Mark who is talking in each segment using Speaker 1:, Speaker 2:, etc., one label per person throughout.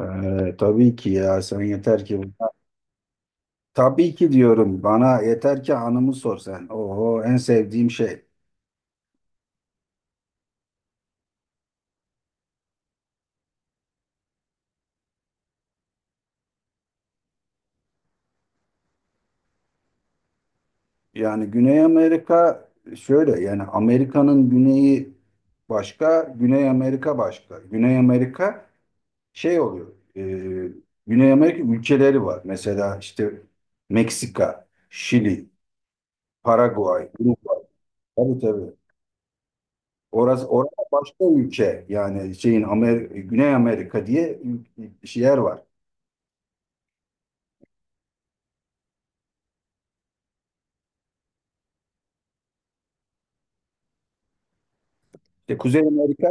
Speaker 1: Tabii ki ya sen yeter ki tabii ki diyorum bana yeter ki anımı sor sen. Oho en sevdiğim şey. Yani Güney Amerika şöyle yani Amerika'nın güneyi başka, Güney Amerika başka. Güney Amerika şey oluyor. e, Güney Amerika ülkeleri var. Mesela işte Meksika, Şili, Paraguay, Uruguay. Tabii tabii. Orası başka ülke yani şeyin Güney Amerika diye yer var. İşte Kuzey Amerika,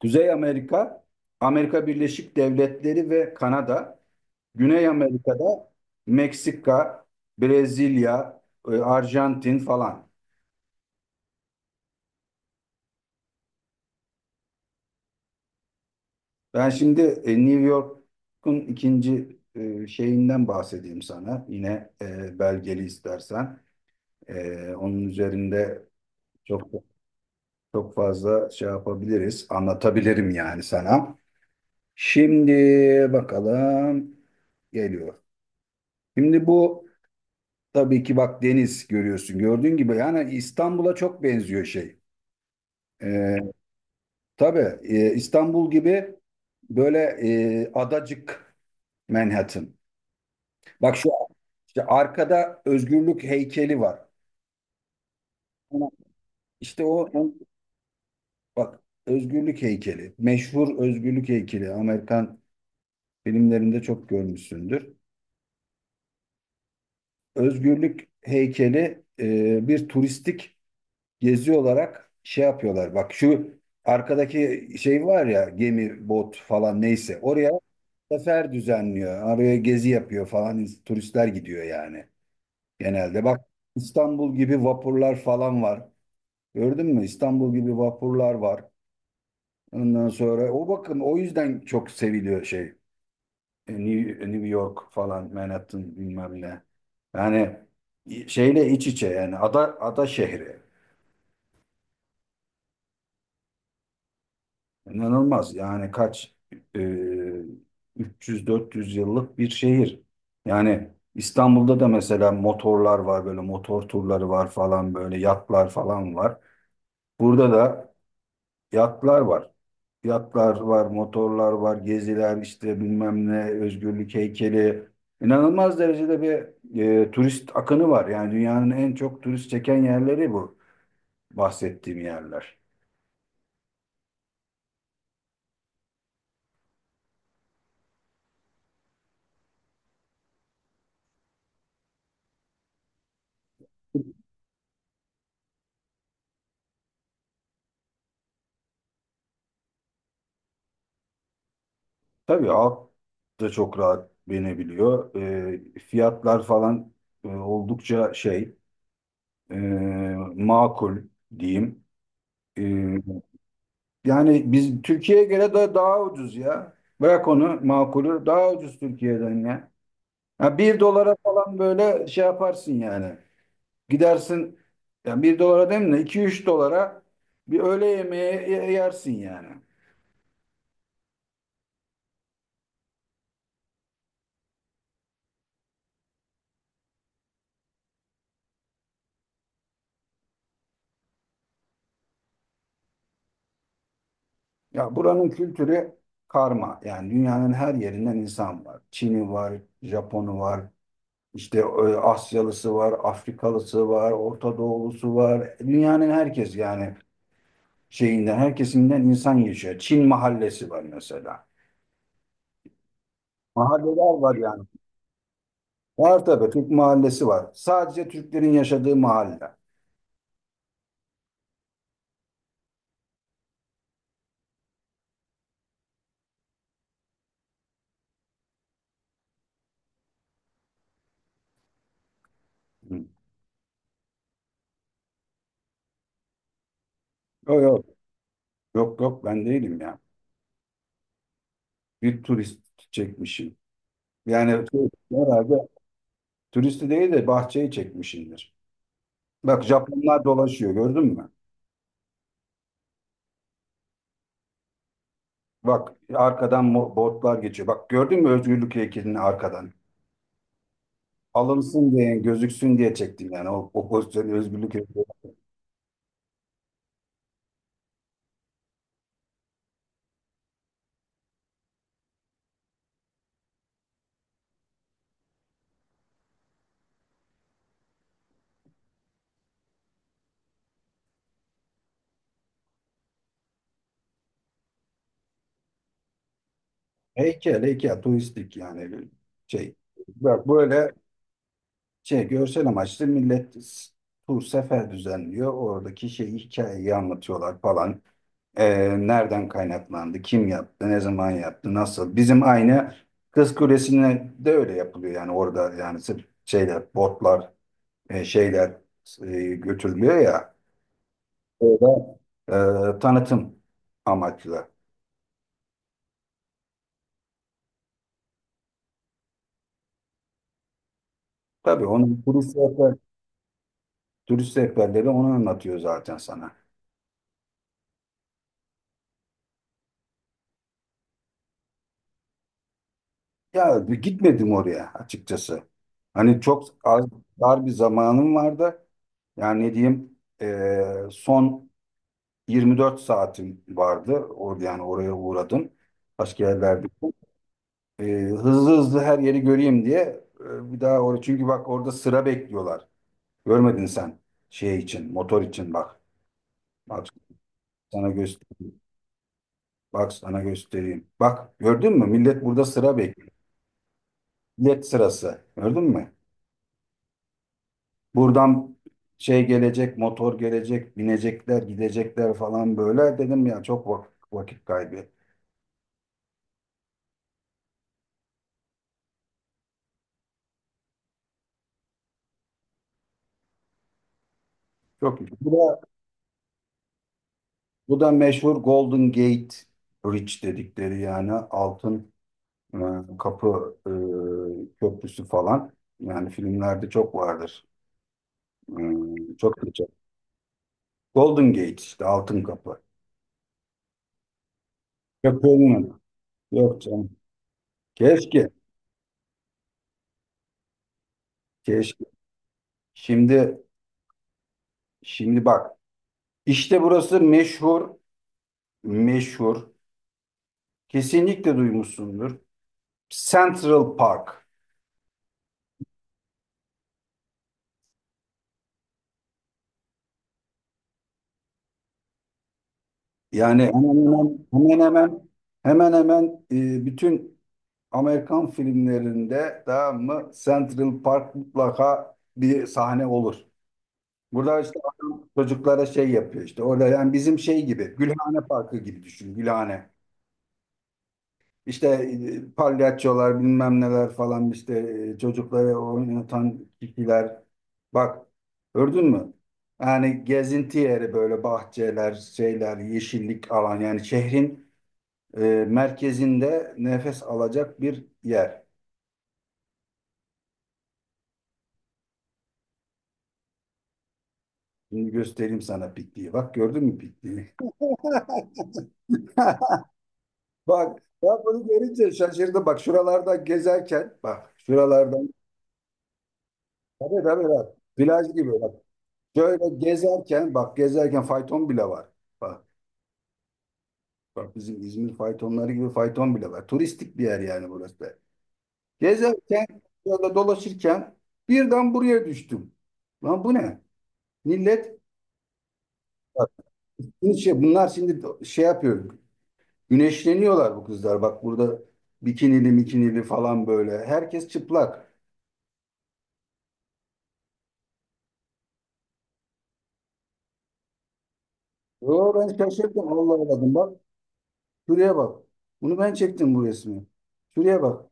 Speaker 1: Kuzey Amerika, Amerika Birleşik Devletleri ve Kanada, Güney Amerika'da Meksika, Brezilya, Arjantin falan. Ben şimdi New York'un ikinci şeyinden bahsedeyim sana. Yine belgeli istersen. Onun üzerinde çok çok fazla şey yapabiliriz, anlatabilirim yani sana. Şimdi bakalım geliyor. Şimdi bu tabii ki, bak, deniz görüyorsun. Gördüğün gibi yani İstanbul'a çok benziyor şey. Ee, tabii İstanbul gibi böyle adacık Manhattan. Bak şu işte arkada özgürlük heykeli var. Ama İşte bak özgürlük heykeli. Meşhur özgürlük heykeli. Amerikan filmlerinde çok görmüşsündür. Özgürlük heykeli bir turistik gezi olarak şey yapıyorlar. Bak şu arkadaki şey var ya gemi, bot falan neyse oraya sefer düzenliyor. Oraya gezi yapıyor falan turistler gidiyor yani genelde. Bak İstanbul gibi vapurlar falan var. Gördün mü? İstanbul gibi vapurlar var. Ondan sonra o bakın o yüzden çok seviliyor şey. New York falan Manhattan bilmem ne. Yani şeyle iç içe yani ada ada şehri. İnanılmaz. Yani kaç e, 300-400 yıllık bir şehir. Yani İstanbul'da da mesela motorlar var böyle motor turları var falan böyle yatlar falan var. Burada da yatlar var. Yatlar var, motorlar var, geziler işte bilmem ne, özgürlük heykeli. İnanılmaz derecede bir turist akını var. Yani dünyanın en çok turist çeken yerleri bu bahsettiğim yerler. Tabii alt da çok rahat binebiliyor. Fiyatlar falan oldukça şey e, makul diyeyim. Ee, yani biz Türkiye'ye göre de daha ucuz ya. Bırak onu makulü daha ucuz Türkiye'den ya. Ha, bir dolara falan böyle şey yaparsın yani. Gidersin yani bir dolara değil mi? 2 3 dolara bir öğle yemeği yersin yani. Ya buranın kültürü karma. Yani dünyanın her yerinden insan var. Çin'i var, Japon'u var, işte Asyalısı var, Afrikalısı var, Orta Doğulusu var. Dünyanın herkes yani şeyinden, herkesinden insan yaşıyor. Çin mahallesi var mesela. Mahalleler var yani. Var tabii Türk mahallesi var. Sadece Türklerin yaşadığı mahalle. Hı. Yok yok. Yok yok ben değilim ya. Bir turist çekmişim. Yani şey, herhalde turisti değil de bahçeyi çekmişimdir. Bak Japonlar dolaşıyor gördün mü? Bak arkadan botlar geçiyor. Bak gördün mü özgürlük heykelini arkadan? Alınsın diye gözüksün diye çektim yani o pozisyonu özgürlük heykeli. Heykel heykel turistik yani şey. Bak böyle şey görsel amaçlı millet tur sefer düzenliyor. Oradaki şey hikayeyi anlatıyorlar falan. Nereden kaynaklandı? Kim yaptı? Ne zaman yaptı? Nasıl? Bizim aynı Kız Kulesi'ne de öyle yapılıyor yani orada yani sırf şeyler botlar şeyler götürülüyor ya. Orada tanıtım amaçlı. Tabii onun turist rehberleri onu anlatıyor zaten sana. Ya bir gitmedim oraya açıkçası. Hani çok az dar bir zamanım vardı. Yani ne diyeyim son 24 saatim vardı. Orada yani oraya uğradım. Başka yerlerde. Hızlı hızlı her yeri göreyim diye bir daha oraya çünkü bak orada sıra bekliyorlar. Görmedin sen şey için, motor için bak. Bak sana göstereyim. Bak sana göstereyim. Bak gördün mü? Millet burada sıra bekliyor. Millet sırası. Gördün mü? Buradan şey gelecek, motor gelecek, binecekler, gidecekler falan böyle. Dedim ya çok vakit kaybı. Çok iyi. Bu da meşhur Golden Gate Bridge dedikleri yani altın e, kapı köprüsü falan. Yani filmlerde çok vardır. Çok geçer. Golden Gate işte altın kapı. Yok görmedim. Yok canım. Keşke. Keşke. Şimdi şimdi bak. İşte burası meşhur meşhur. Kesinlikle duymuşsundur. Central Park. Yani hemen hemen hemen bütün Amerikan filmlerinde tamam mı Central Park mutlaka bir sahne olur. Burada işte adam çocuklara şey yapıyor işte orada yani bizim şey gibi Gülhane Parkı gibi düşün Gülhane. İşte palyaçolar bilmem neler falan işte çocukları oynatan kişiler. Bak gördün mü? Yani gezinti yeri böyle bahçeler, şeyler, yeşillik alan yani şehrin merkezinde nefes alacak bir yer. Şimdi göstereyim sana pikniği. Bak gördün mü pikniği? Bak ben bunu görünce şaşırdım. Bak şuralarda gezerken bak şuralardan tabii tabii bak plaj gibi bak. Şöyle gezerken bak gezerken fayton bile var. Bak, bak, bizim İzmir faytonları gibi fayton bile var. Turistik bir yer yani burası da. Gezerken şöyle dolaşırken birden buraya düştüm. Lan bu ne? Millet bak, şimdi şey, bunlar şimdi şey yapıyor. Güneşleniyorlar bu kızlar. Bak burada bikinili mikinili falan böyle. Herkes çıplak. Yo ben şaşırdım. Allah Allah dedim. Bak şuraya bak. Bunu ben çektim bu resmi. Şuraya bak.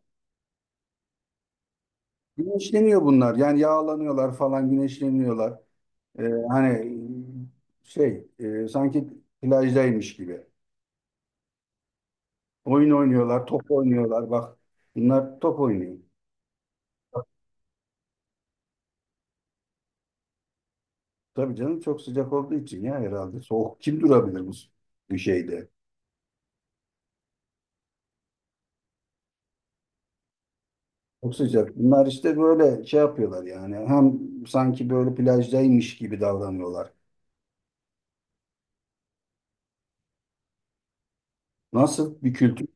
Speaker 1: Güneşleniyor bunlar. Yani yağlanıyorlar falan güneşleniyorlar. Ee, hani şey sanki plajdaymış gibi. Oyun oynuyorlar, top oynuyorlar. Bak bunlar top oynuyor. Tabii canım çok sıcak olduğu için ya herhalde. Soğuk kim durabilir bu şeyde? Çok sıcak. Bunlar işte böyle şey yapıyorlar yani. Hem sanki böyle plajdaymış gibi davranıyorlar. Nasıl bir kültür?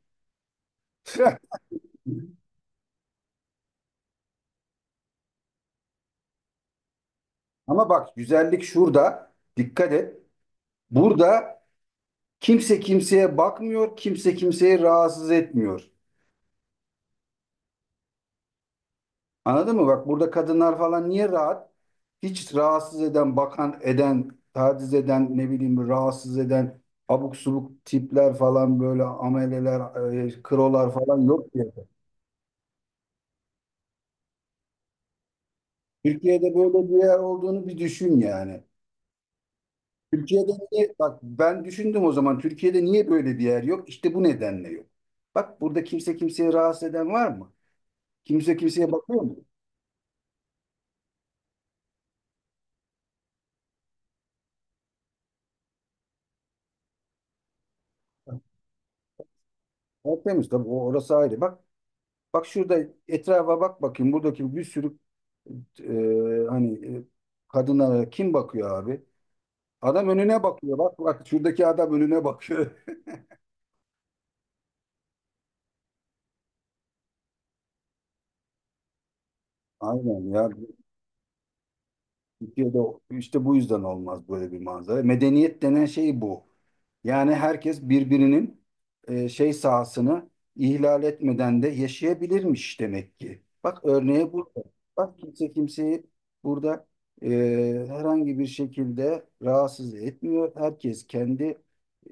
Speaker 1: Ama bak güzellik şurada. Dikkat et. Burada kimse kimseye bakmıyor, kimse kimseyi rahatsız etmiyor. Anladın mı? Bak burada kadınlar falan niye rahat? Hiç rahatsız eden, bakan eden, taciz eden, ne bileyim rahatsız eden abuk subuk tipler falan böyle ameleler, krolar falan yok diye. Türkiye'de böyle bir yer olduğunu bir düşün yani. Türkiye'de niye, bak ben düşündüm o zaman Türkiye'de niye böyle bir yer yok? İşte bu nedenle yok. Bak burada kimse kimseye rahatsız eden var mı? Kimse kimseye bakıyor mu? Tertemiz tabii orası ayrı. Bak, şurada etrafa bak bakayım. Buradaki bir sürü hani e, kadınlara kim bakıyor abi? Adam önüne bakıyor. Bak, şuradaki adam önüne bakıyor. Aynen ya. Türkiye'de işte bu yüzden olmaz böyle bir manzara. Medeniyet denen şey bu. Yani herkes birbirinin şey sahasını ihlal etmeden de yaşayabilirmiş demek ki. Bak örneğe burada. Bak kimse kimseyi burada herhangi bir şekilde rahatsız etmiyor. Herkes kendi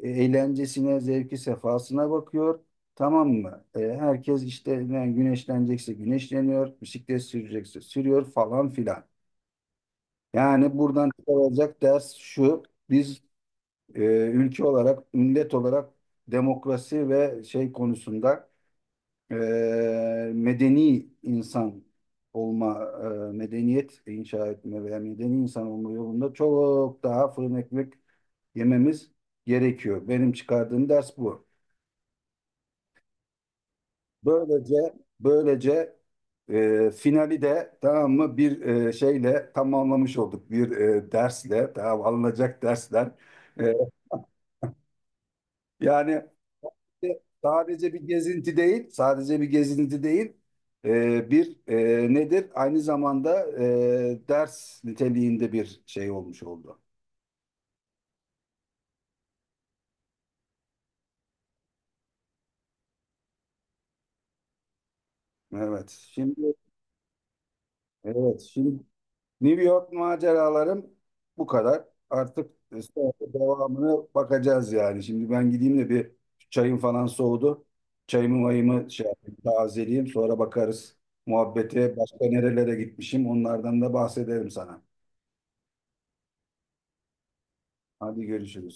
Speaker 1: eğlencesine, zevki, sefasına bakıyor. Tamam mı? Herkes işte yani güneşlenecekse güneşleniyor, bisiklet sürecekse sürüyor falan filan. Yani buradan çıkarılacak ders şu. Biz e, ülke olarak, millet olarak demokrasi ve şey konusunda e, medeni insan olma, medeniyet inşa etme veya medeni insan olma yolunda çok daha fırın ekmek yememiz gerekiyor. Benim çıkardığım ders bu. Böylece böylece finali de tamam mı bir şeyle tamamlamış olduk. Bir dersle tamam alınacak dersler. e, Yani sadece bir gezinti değil, sadece bir gezinti değil, bir nedir? Aynı zamanda ders niteliğinde bir şey olmuş oldu. Evet, şimdi evet, şimdi New York maceralarım bu kadar. Artık sonra devamını bakacağız yani. Şimdi ben gideyim de bir çayım falan soğudu. Çayımı mayımı şey yapayım, tazeleyeyim. Sonra bakarız muhabbete başka nerelere gitmişim. Onlardan da bahsederim sana. Hadi görüşürüz.